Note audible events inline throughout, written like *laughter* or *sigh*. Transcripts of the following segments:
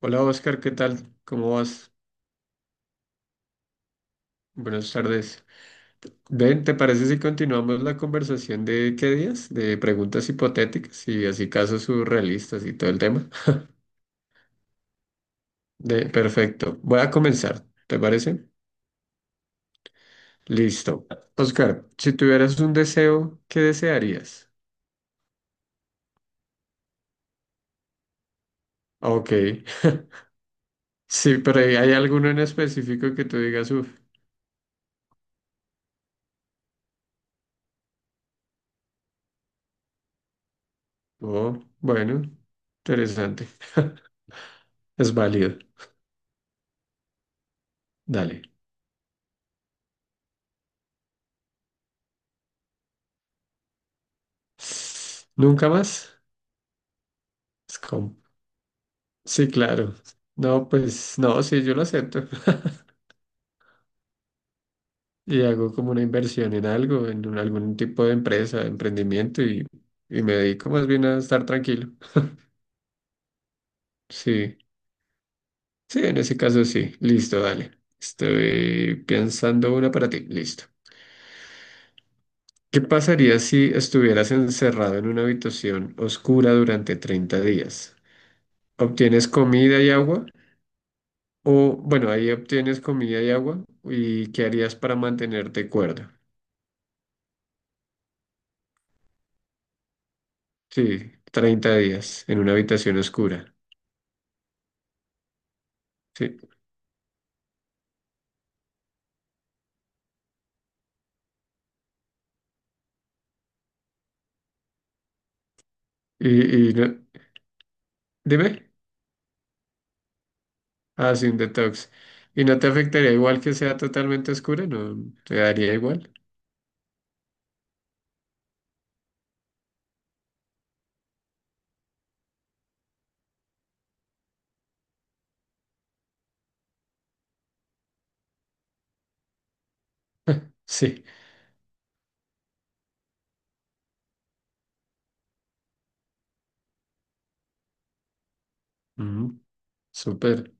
Hola Oscar, ¿qué tal? ¿Cómo vas? Buenas tardes. Ven, ¿te parece si continuamos la conversación de qué días? De preguntas hipotéticas y así casos surrealistas y todo el tema. De, perfecto. Voy a comenzar, ¿te parece? Listo. Oscar, si tuvieras un deseo, ¿qué desearías? Ok. *laughs* Sí, pero ¿hay alguno en específico que tú digas, uff, oh, bueno, interesante. *laughs* Es válido. Dale. ¿Nunca más? Es Sí, claro. No, pues no, sí, yo lo acepto. *laughs* Y hago como una inversión en algo, en algún tipo de empresa, de emprendimiento y me dedico más bien a estar tranquilo. Sí, sí, en ese caso sí. Listo, dale. Estoy pensando una para ti. Listo. ¿Qué pasaría si estuvieras encerrado en una habitación oscura durante 30 días? ¿Obtienes comida y agua? O, bueno, ahí obtienes comida y agua. ¿Y qué harías para mantenerte cuerdo? Sí, 30 días en una habitación oscura. Sí. Y dime, ah, sí, un detox. ¿Y no te afectaría igual que sea totalmente oscura? ¿No te daría igual? Sí. Ujú, súper.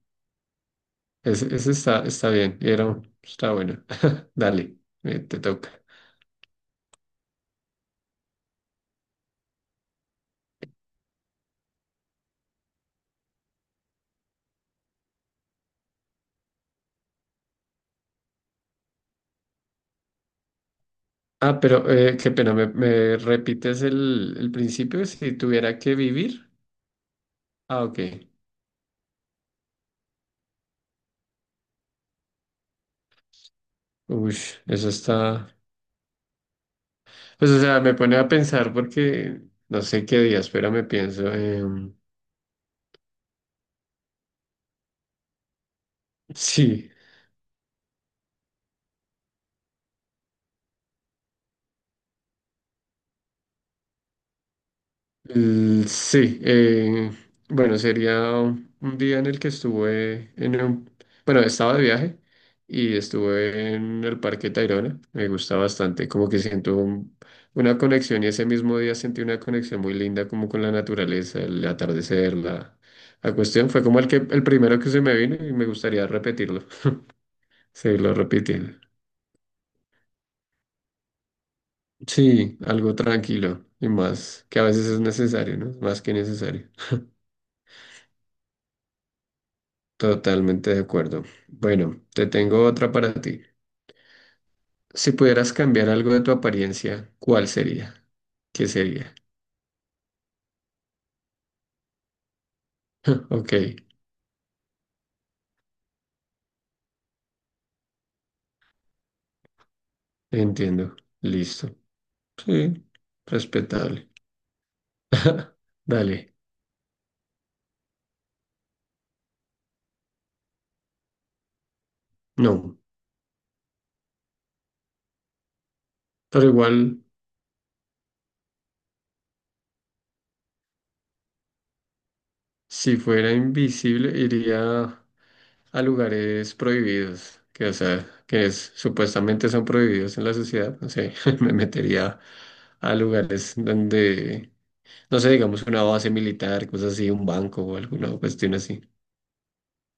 Ese está, está bien. Y Era, está bueno. *laughs* Dale, te toca. Ah, pero qué pena, ¿me, me repites el principio? Si tuviera que vivir. Ah, ok. Uy, eso está. Pues, o sea, me pone a pensar porque no sé qué día. Espera, me pienso. Sí, sí. Bueno, sería un día en el que estuve en un, bueno, estaba de viaje y estuve en el Parque Tayrona. Me gusta bastante, como que siento un- una conexión y ese mismo día sentí una conexión muy linda como con la naturaleza, el atardecer, la cuestión. Fue como el que, el primero que se me vino y me gustaría repetirlo, *laughs* seguirlo repitiendo. Sí, algo tranquilo y más, que a veces es necesario, ¿no? Más que necesario. Totalmente de acuerdo. Bueno, te tengo otra para ti. Si pudieras cambiar algo de tu apariencia, ¿cuál sería? ¿Qué sería? *laughs* Ok, entiendo. Listo. Sí, respetable. *laughs* Dale. No. Pero igual, si fuera invisible, iría a lugares prohibidos, que o sea, que supuestamente son prohibidos en la sociedad, no sé, *laughs* me metería a lugares donde, no sé, digamos una base militar, cosas así, un banco o alguna cuestión así.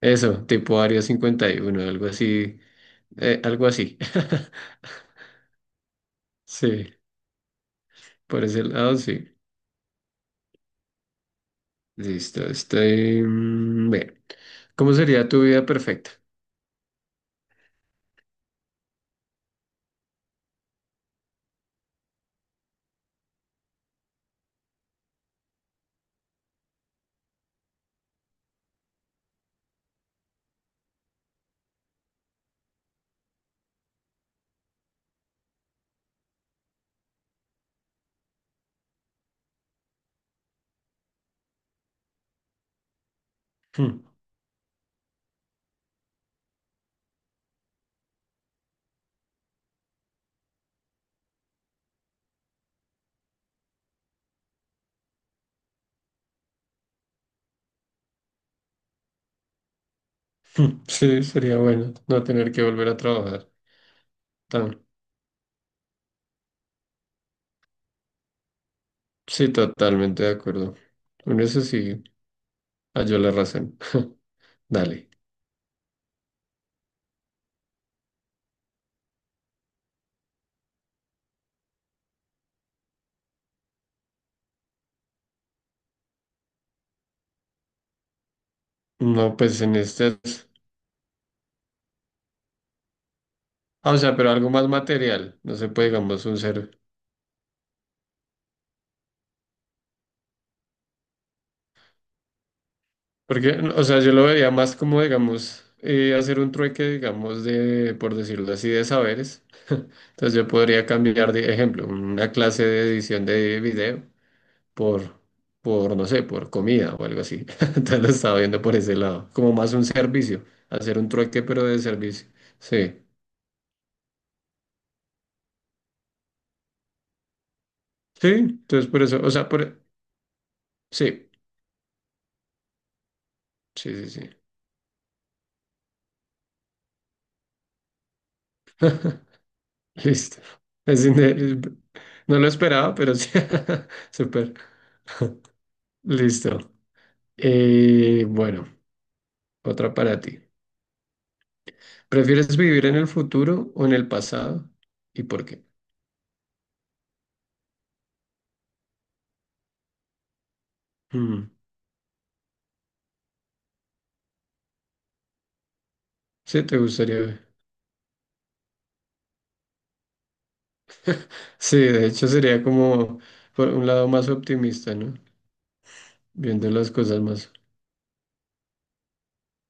Eso, tipo Área 51, algo así, algo así. *laughs* Sí, por ese lado sí. Listo, estoy... Bien. ¿Cómo sería tu vida perfecta? *laughs* Hmm, hmm, sí, sería bueno no tener que volver a trabajar. Sí, totalmente de acuerdo. Con eso sí, halló la razón. *laughs* Dale. No, pues en este... es- Ah, o sea, pero algo más material. No se puede, digamos, un ser... Porque, o sea, yo lo veía más como, digamos, hacer un trueque, digamos, de, por decirlo así, de saberes. Entonces yo podría cambiar, de ejemplo, una clase de edición de video por, por, no sé, por comida o algo así. *laughs* Entonces lo estaba viendo por ese lado. Como más un servicio. Hacer un trueque, pero de servicio. Sí. Sí, entonces por eso, o sea, por... Sí, sí, sí, sí. *laughs* Listo. Es inde- No lo esperaba, pero sí. *laughs* Súper. *laughs* Listo. Bueno, otra para ti. ¿Prefieres vivir en el futuro o en el pasado? ¿Y por qué? Mm, sí, te gustaría. Sí, de hecho sería como por un lado más optimista, ¿no? Viendo las cosas más.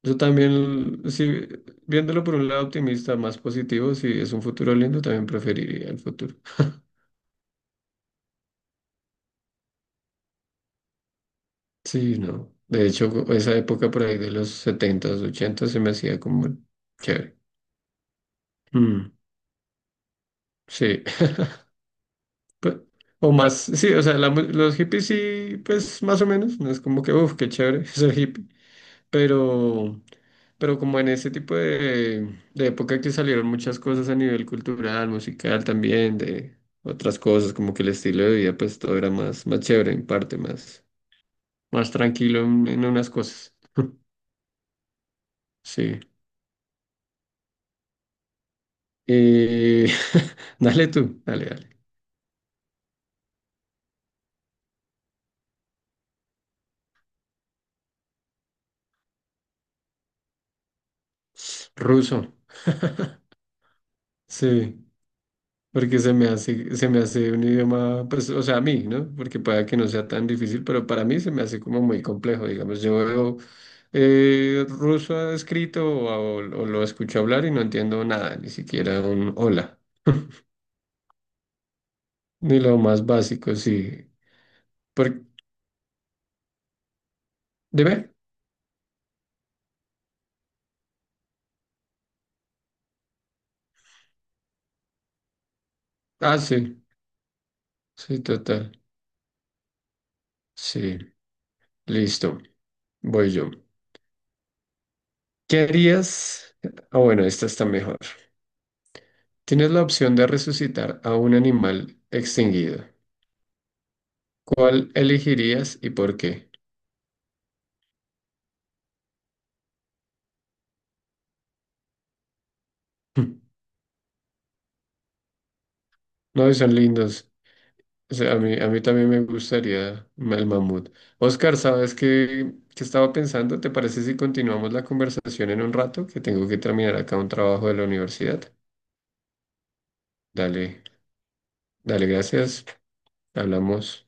Yo también, sí, viéndolo por un lado optimista, más positivo, si es un futuro lindo, también preferiría el futuro. *laughs* Sí, no. De hecho, esa época por ahí de los setentas ochentas se me hacía como chévere. Mm, sí. *laughs* Pe- O más, sí, o sea, la los hippies sí, pues más o menos, no es como que, uff, qué chévere *laughs* ser hippie, pero, pero como en ese tipo de época que salieron muchas cosas a nivel cultural, musical también, de otras cosas, como que el estilo de vida, pues todo era más, más chévere en parte, más, más tranquilo en unas cosas, sí. Y *laughs* dale tú, dale, dale. Ruso, sí. Porque se me hace un idioma, pues, o sea, a mí, ¿no? Porque pueda que no sea tan difícil, pero para mí se me hace como muy complejo, digamos. Yo veo ruso escrito o lo escucho hablar y no entiendo nada, ni siquiera un hola, ni lo más básico, sí. ¿Por, ¿de ver? Ah, sí, sí, total. Sí, listo, voy yo. ¿Qué harías? Ah, bueno, esta está mejor. Tienes la opción de resucitar a un animal extinguido. ¿Cuál elegirías y por qué? *laughs* No, y son lindos. O sea, a mí también me gustaría el mamut. Oscar, ¿sabes qué, qué estaba pensando? ¿Te parece si continuamos la conversación en un rato? Que tengo que terminar acá un trabajo de la universidad. Dale, dale, gracias. Hablamos.